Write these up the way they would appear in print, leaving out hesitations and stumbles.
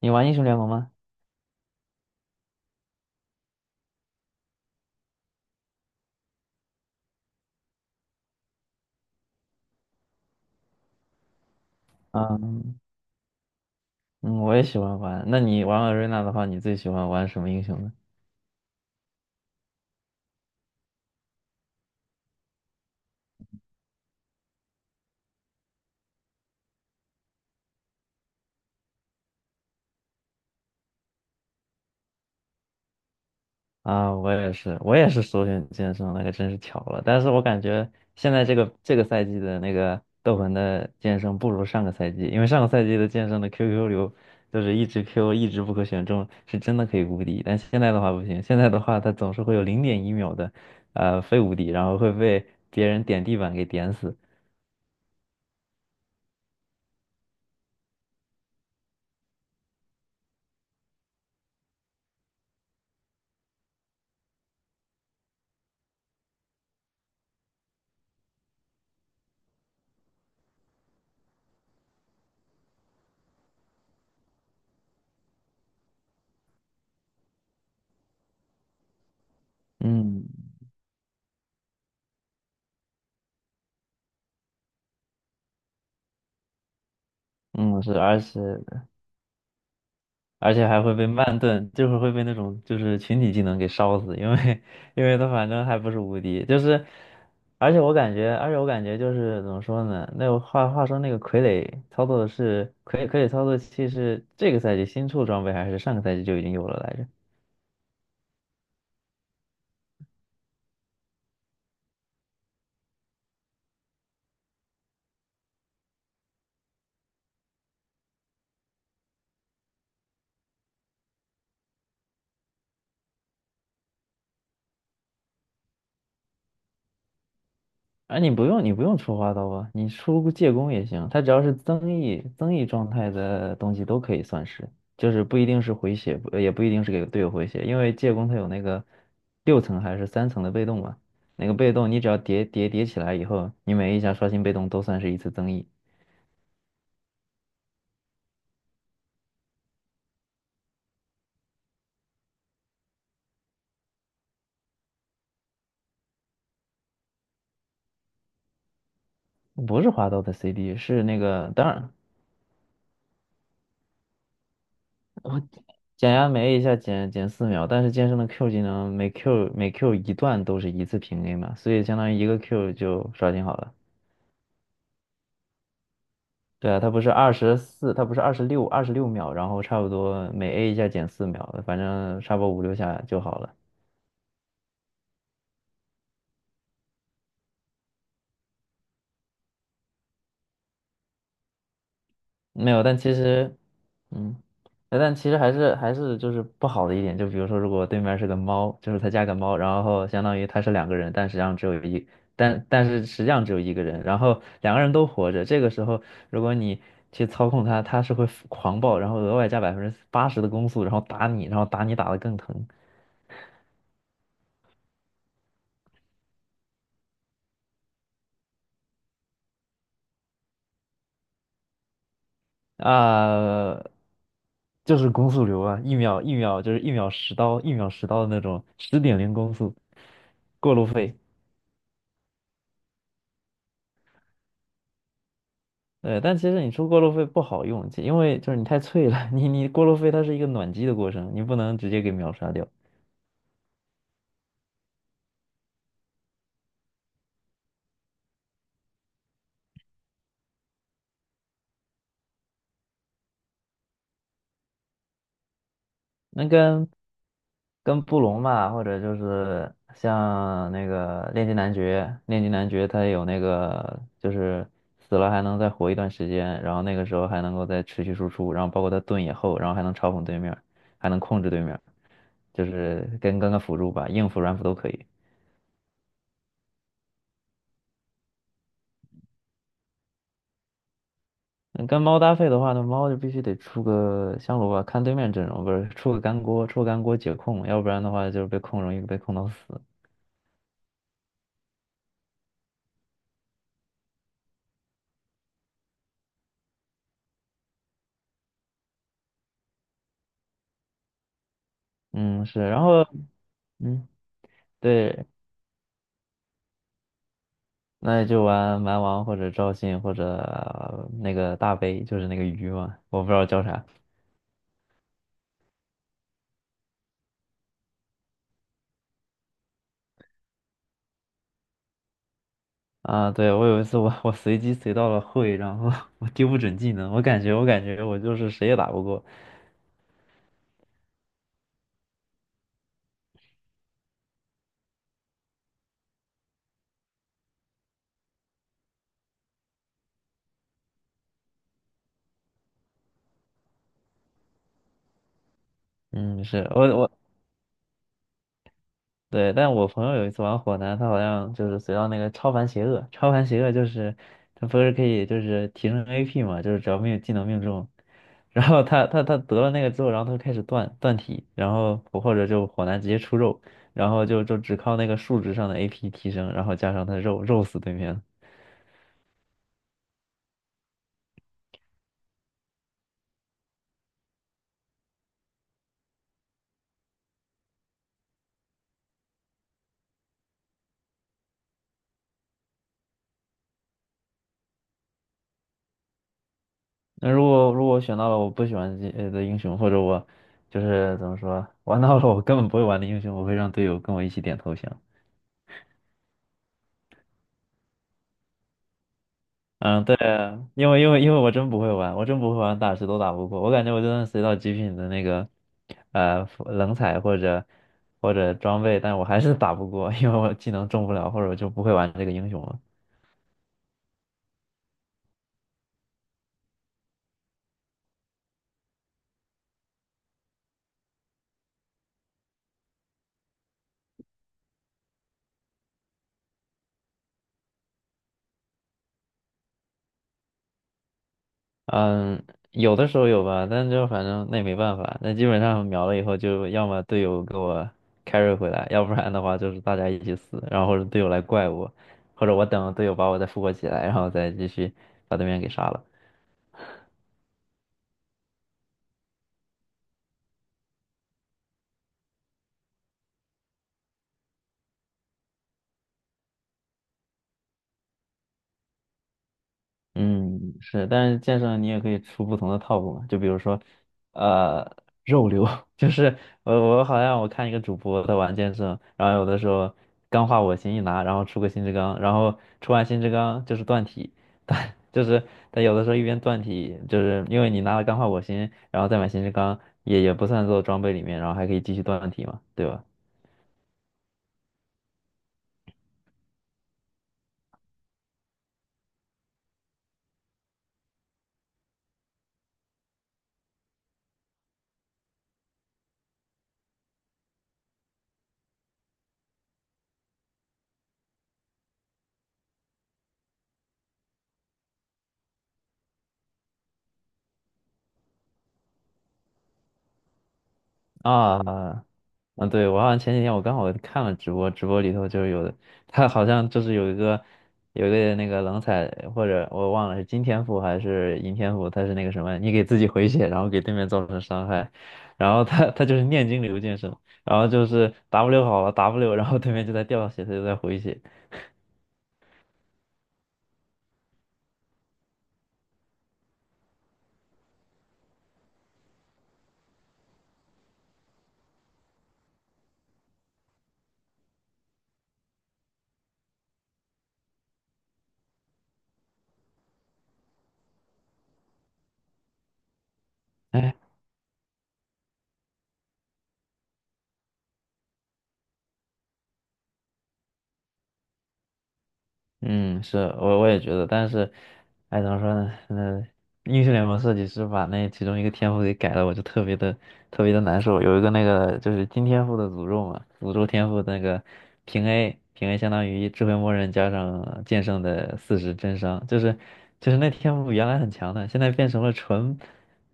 你玩英雄联盟吗？嗯嗯，我也喜欢玩。那你玩 a 瑞娜的话，你最喜欢玩什么英雄呢？啊，我也是,首选剑圣，那个真是巧了。但是我感觉现在这个赛季的那个斗魂的剑圣不如上个赛季，因为上个赛季的剑圣的 QQ 流就是一直 Q 一直不可选中，是真的可以无敌。但现在的话不行，现在的话它总是会有0.1秒的非无敌，然后会被别人点地板给点死。嗯。嗯，是，而且还会被慢炖，就会儿会被那种就是群体技能给烧死，因为 因为他反正还不是无敌，就是，而且我感觉,就是怎么说呢？那个话说那个傀儡操作的是傀儡操作器是这个赛季新出装备还是上个赛季就已经有了来着？哎，你不用,出花刀啊，你出借弓也行，它只要是增益状态的东西都可以算是，就是不一定是回血，不也不一定是给队友回血，因为借弓它有那个六层还是三层的被动嘛，那个被动你只要叠起来以后，你每一下刷新被动都算是一次增益，不是花刀的 CD，是那个当然我减压没一下减四秒，但是剑圣的 Q 技能每 Q 一段都是一次平 A 嘛，所以相当于一个 Q 就刷新好了。对啊，它不是24，它不是二十六，26秒，然后差不多每 A 一下减四秒，反正差不多五六下就好了。没有，但其实，嗯，但其实还是就是不好的一点，就比如说如果对面是个猫，就是他加个猫，然后相当于他是两个人，但是实际上只有一个人，然后两个人都活着，这个时候如果你去操控它，它是会狂暴，然后额外加80%的攻速，然后打你，然后打你打得更疼。啊、就是攻速流啊，一秒就是一秒十刀，一秒十刀的那种，十点零攻速，过路费。对，但其实你出过路费不好用，因为就是你太脆了，你过路费它是一个暖机的过程，你不能直接给秒杀掉。那跟布隆吧，或者就是像那个炼金男爵，炼金男爵他有那个就是死了还能再活一段时间，然后那个时候还能够再持续输出，然后包括他盾也厚，然后还能嘲讽对面，还能控制对面，就是跟个辅助吧，硬辅软辅都可以。嗯跟猫搭配的话那猫就必须得出个香炉吧，看对面阵容，不是出个干锅，出个干锅解控，要不然的话就是被控容易被控到死。嗯，是，然后嗯，对，那就玩蛮王或者赵信或者呃那个大杯，就是那个鱼嘛，我不知道叫啥啊。对，我有一次我随机随到了会，然后 我丢不准技能，我感觉我就是谁也打不过。嗯，是对，但我朋友有一次玩火男，他好像就是随到那个超凡邪恶，超凡邪恶就是他不是可以就是提升 AP 嘛，就是只要命技能命中，然后他得了那个之后，然后他就开始断体，然后或者就火男直接出肉，然后就就只靠那个数值上的 AP 提升，然后加上他肉肉死对面了那如果我选到了我不喜欢的英雄，或者我就是怎么说玩到了我根本不会玩的英雄，我会让队友跟我一起点投降。嗯，对啊，因为我真不会玩，我真不会玩，打谁都打不过。我感觉我就算随到极品的那个，冷彩或者装备，但我还是打不过，因为我技能中不了，或者我就不会玩这个英雄了。嗯，有的时候有吧，但就反正那也没办法，那基本上秒了以后，就要么队友给我 carry 回来，要不然的话就是大家一起死，然后或者队友来怪我，或者我等队友把我再复活起来，然后再继续把对面给杀了。嗯，是，但是剑圣你也可以出不同的套路嘛，就比如说，呃，肉流，就是我好像我看一个主播在玩剑圣，然后有的时候钢化我心一拿，然后出个新之钢，然后出完新之钢就是断体，但就是他有的时候一边断体，就是因为你拿了钢化我心，然后再买新之钢，也不算做装备里面，然后还可以继续断体嘛，对吧？啊，嗯，对，我好像前几天我刚好看了直播，直播里头就是有的，他好像就是有一个那个冷彩，或者我忘了是金天赋还是银天赋，他是那个什么，你给自己回血，然后给对面造成伤害，然后他就是念经流剑圣，然后就是 W 好了 W，然后对面就在掉血，他就在回血，哎嗯，是我也觉得，但是，哎，怎么说呢？那英雄联盟设计师把那其中一个天赋给改了，我就特别的特别的难受。有一个那个就是金天赋的诅咒嘛，诅咒天赋的那个平 A 平 A 相当于智慧魔人加上剑圣的四十真伤，就是那天赋原来很强的，现在变成了纯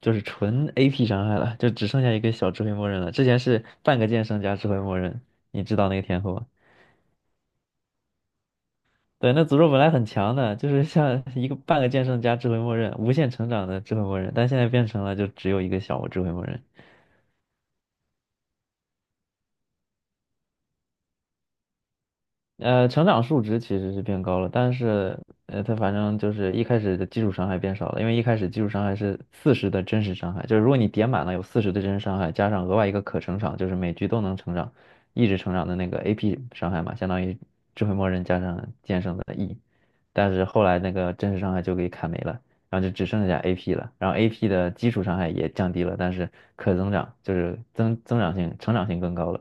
就是纯 AP 伤害了，就只剩下一个小智慧魔人了。之前是半个剑圣加智慧魔人，你知道那个天赋吗？对，那诅咒本来很强的，就是像一个半个剑圣加智慧默认，无限成长的智慧默认，但现在变成了就只有一个小智慧默认。成长数值其实是变高了，但是它反正就是一开始的基础伤害变少了，因为一开始基础伤害是四十的真实伤害，就是如果你点满了有四十的真实伤害，加上额外一个可成长，就是每局都能成长，一直成长的那个 AP 伤害嘛，相当于智慧默认加上剑圣的 E。但是后来那个真实伤害就给砍没了，然后就只剩下 AP 了，然后 AP 的基础伤害也降低了，但是可增长就是增长性、成长性更高了。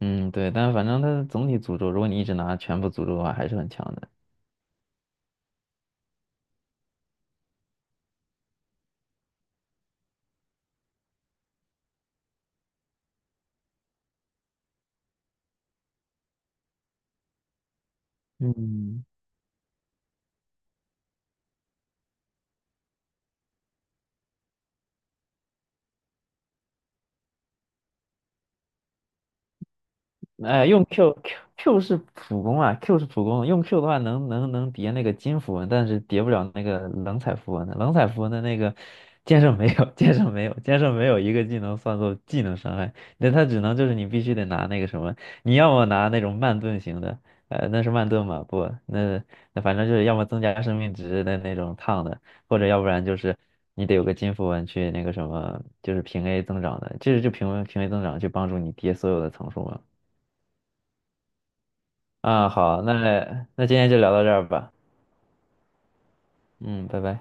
嗯，对，但是反正它的总体诅咒，如果你一直拿全部诅咒的话，还是很强的。嗯。用 Q Q Q 是普攻啊，Q 是普攻，用 Q 的话能叠那个金符文，但是叠不了那个冷彩符文的。冷彩符文的那个剑圣没有，剑圣没有，剑圣没有一个技能算作技能伤害，那它只能就是你必须得拿那个什么，你要么拿那种慢盾型的，那是慢盾嘛？不，那反正就是要么增加生命值的那种烫的，或者要不然就是你得有个金符文去那个什么，就是平 A 增长的，这是就平 A 增长去帮助你叠所有的层数嘛。啊，好，那那今天就聊到这儿吧。嗯，拜拜。